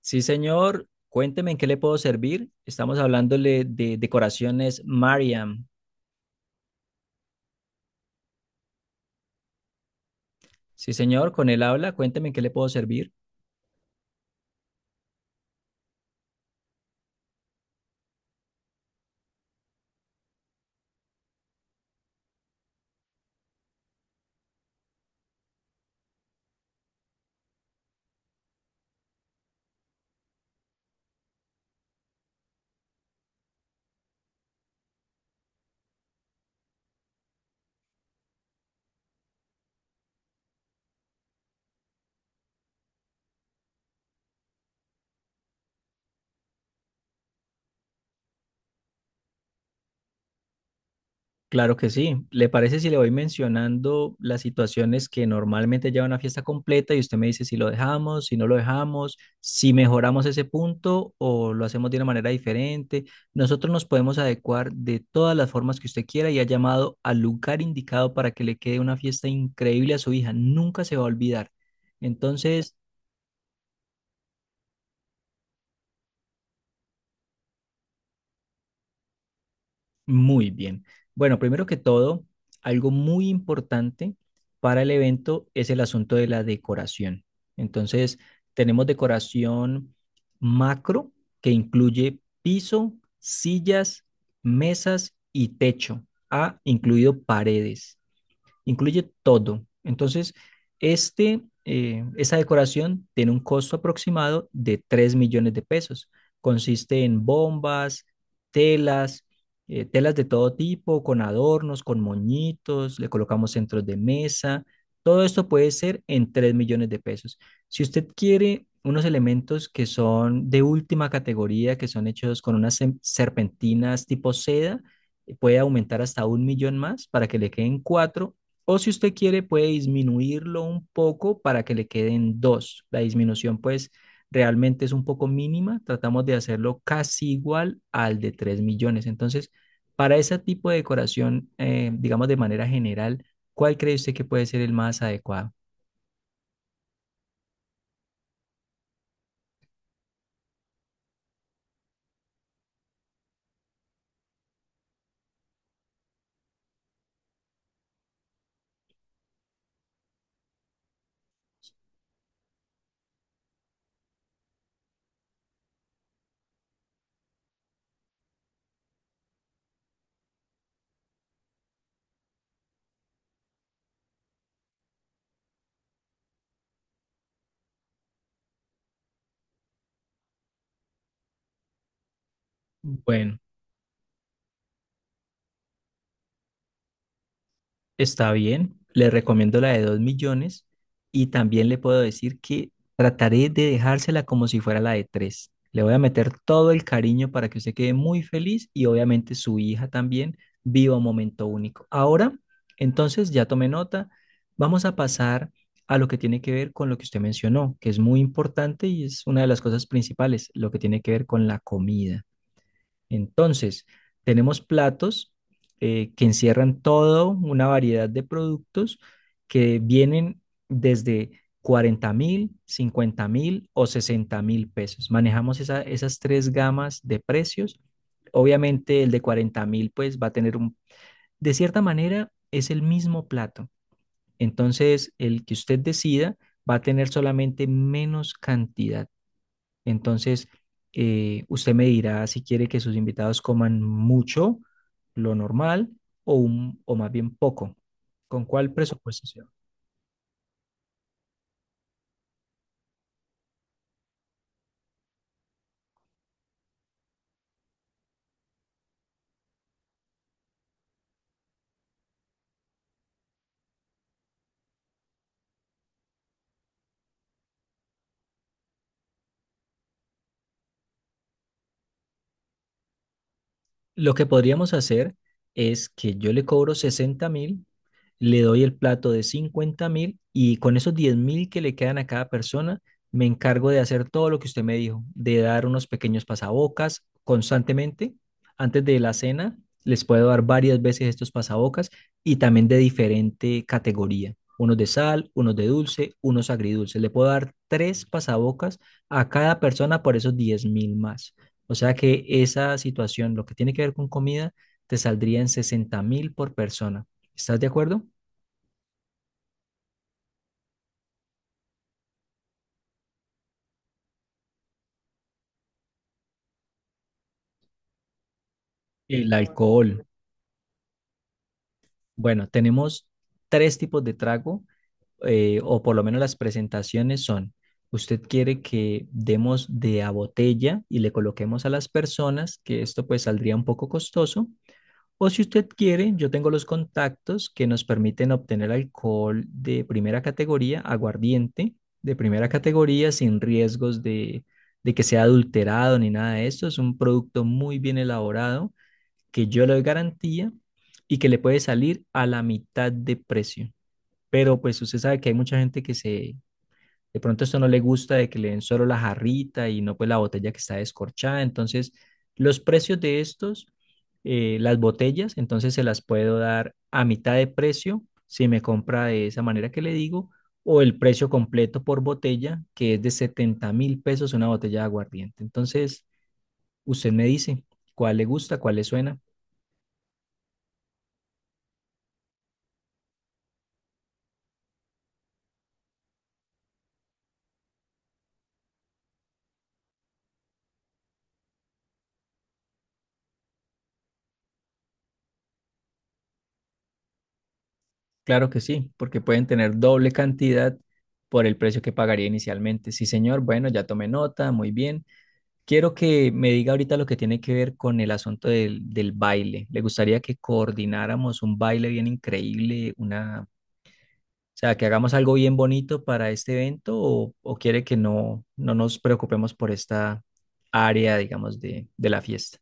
Sí, señor. Cuénteme en qué le puedo servir. Estamos hablándole de decoraciones Mariam. Sí, señor, con él habla. Cuénteme en qué le puedo servir. Claro que sí. ¿Le parece si le voy mencionando las situaciones que normalmente lleva una fiesta completa y usted me dice si lo dejamos, si no lo dejamos, si mejoramos ese punto o lo hacemos de una manera diferente? Nosotros nos podemos adecuar de todas las formas que usted quiera y ha llamado al lugar indicado para que le quede una fiesta increíble a su hija. Nunca se va a olvidar. Entonces, muy bien. Bueno, primero que todo, algo muy importante para el evento es el asunto de la decoración. Entonces, tenemos decoración macro que incluye piso, sillas, mesas y techo, ah, incluido paredes, incluye todo. Entonces, este, esa decoración tiene un costo aproximado de 3 millones de pesos. Consiste en bombas, telas, telas de todo tipo, con adornos, con moñitos, le colocamos centros de mesa. Todo esto puede ser en 3 millones de pesos. Si usted quiere unos elementos que son de última categoría, que son hechos con unas serpentinas tipo seda, puede aumentar hasta 1 millón más para que le queden cuatro o si usted quiere, puede disminuirlo un poco para que le queden dos. La disminución, pues, realmente es un poco mínima. Tratamos de hacerlo casi igual al de 3 millones. Entonces, para ese tipo de decoración, digamos de manera general, ¿cuál cree usted que puede ser el más adecuado? Bueno. Está bien, le recomiendo la de 2 millones y también le puedo decir que trataré de dejársela como si fuera la de 3. Le voy a meter todo el cariño para que usted quede muy feliz y obviamente su hija también viva un momento único. Ahora, entonces ya tomé nota, vamos a pasar a lo que tiene que ver con lo que usted mencionó, que es muy importante y es una de las cosas principales, lo que tiene que ver con la comida. Entonces, tenemos platos que encierran toda una variedad de productos que vienen desde 40.000, 50.000 o 60.000 pesos. Manejamos esas tres gamas de precios. Obviamente el de 40.000 pues va a tener un, de cierta manera es el mismo plato. Entonces el que usted decida va a tener solamente menos cantidad. Entonces, usted me dirá si quiere que sus invitados coman mucho, lo normal, o, o más bien poco. ¿Con cuál presupuesto se va? Lo que podríamos hacer es que yo le cobro 60.000, le doy el plato de 50.000 y con esos 10.000 que le quedan a cada persona, me encargo de hacer todo lo que usted me dijo, de dar unos pequeños pasabocas constantemente. Antes de la cena, les puedo dar varias veces estos pasabocas y también de diferente categoría. Unos de sal, unos de dulce, unos agridulces. Le puedo dar tres pasabocas a cada persona por esos 10.000 más. O sea que esa situación, lo que tiene que ver con comida, te saldría en 60.000 por persona. ¿Estás de acuerdo? El alcohol. Bueno, tenemos tres tipos de trago, o por lo menos las presentaciones son, usted quiere que demos de a botella y le coloquemos a las personas, que esto pues saldría un poco costoso, o si usted quiere, yo tengo los contactos que nos permiten obtener alcohol de primera categoría, aguardiente de primera categoría, sin riesgos de que sea adulterado ni nada de eso, es un producto muy bien elaborado que yo le doy garantía y que le puede salir a la mitad de precio. Pero pues usted sabe que hay mucha gente que se, de pronto esto no le gusta de que le den solo la jarrita y no pues la botella que está descorchada. Entonces, los precios de estos, las botellas, entonces se las puedo dar a mitad de precio si me compra de esa manera que le digo, o el precio completo por botella, que es de 70.000 pesos una botella de aguardiente. Entonces, usted me dice cuál le gusta, cuál le suena. Claro que sí, porque pueden tener doble cantidad por el precio que pagaría inicialmente. Sí, señor, bueno, ya tomé nota, muy bien. Quiero que me diga ahorita lo que tiene que ver con el asunto del baile. Le gustaría que coordináramos un baile bien increíble, una, o sea, que hagamos algo bien bonito para este evento o quiere que no, no nos preocupemos por esta área, digamos, de la fiesta.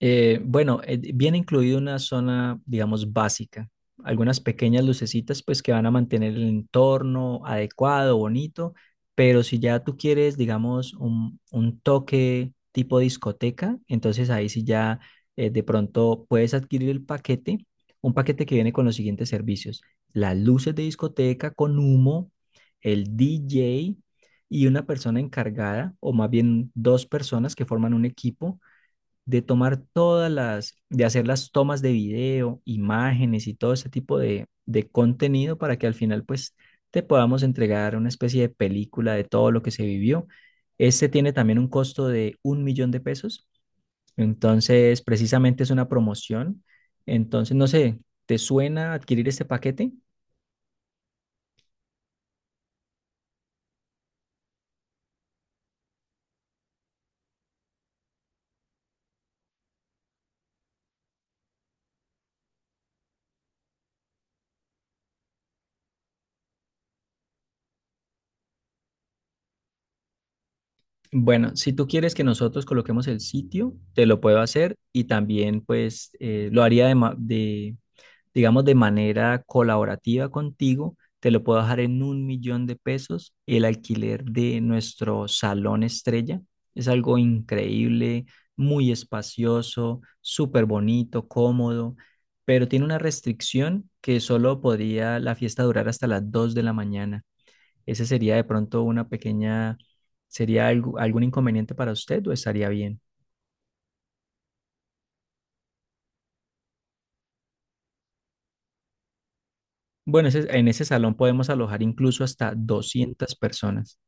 Bueno, viene incluido una zona, digamos, básica. Algunas pequeñas lucecitas, pues, que van a mantener el entorno adecuado, bonito. Pero si ya tú quieres, digamos, un toque tipo discoteca, entonces ahí sí ya de pronto puedes adquirir el paquete, un paquete que viene con los siguientes servicios: las luces de discoteca con humo, el DJ y una persona encargada, o más bien dos personas que forman un equipo de tomar todas las, de hacer las tomas de video, imágenes y todo ese tipo de contenido para que al final pues te podamos entregar una especie de película de todo lo que se vivió. Este tiene también un costo de 1 millón de pesos, entonces precisamente es una promoción. Entonces, no sé, ¿te suena adquirir este paquete? Bueno, si tú quieres que nosotros coloquemos el sitio, te lo puedo hacer y también pues lo haría de, digamos, de manera colaborativa contigo, te lo puedo dejar en 1 millón de pesos el alquiler de nuestro salón estrella. Es algo increíble, muy espacioso, súper bonito, cómodo, pero tiene una restricción que solo podría la fiesta durar hasta las 2 de la mañana. Ese sería de pronto una pequeña, ¿sería algún inconveniente para usted o estaría bien? Bueno, en ese salón podemos alojar incluso hasta 200 personas.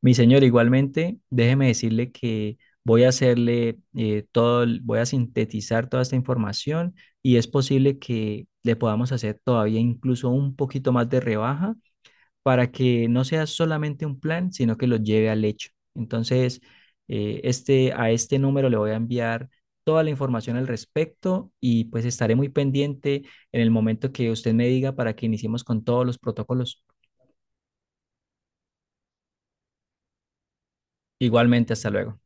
Mi señor, igualmente, déjeme decirle que voy a hacerle todo, voy a sintetizar toda esta información y es posible que le podamos hacer todavía incluso un poquito más de rebaja para que no sea solamente un plan, sino que lo lleve al hecho. Entonces, este, a este número le voy a enviar toda la información al respecto y pues estaré muy pendiente en el momento que usted me diga para que iniciemos con todos los protocolos. Igualmente, hasta luego.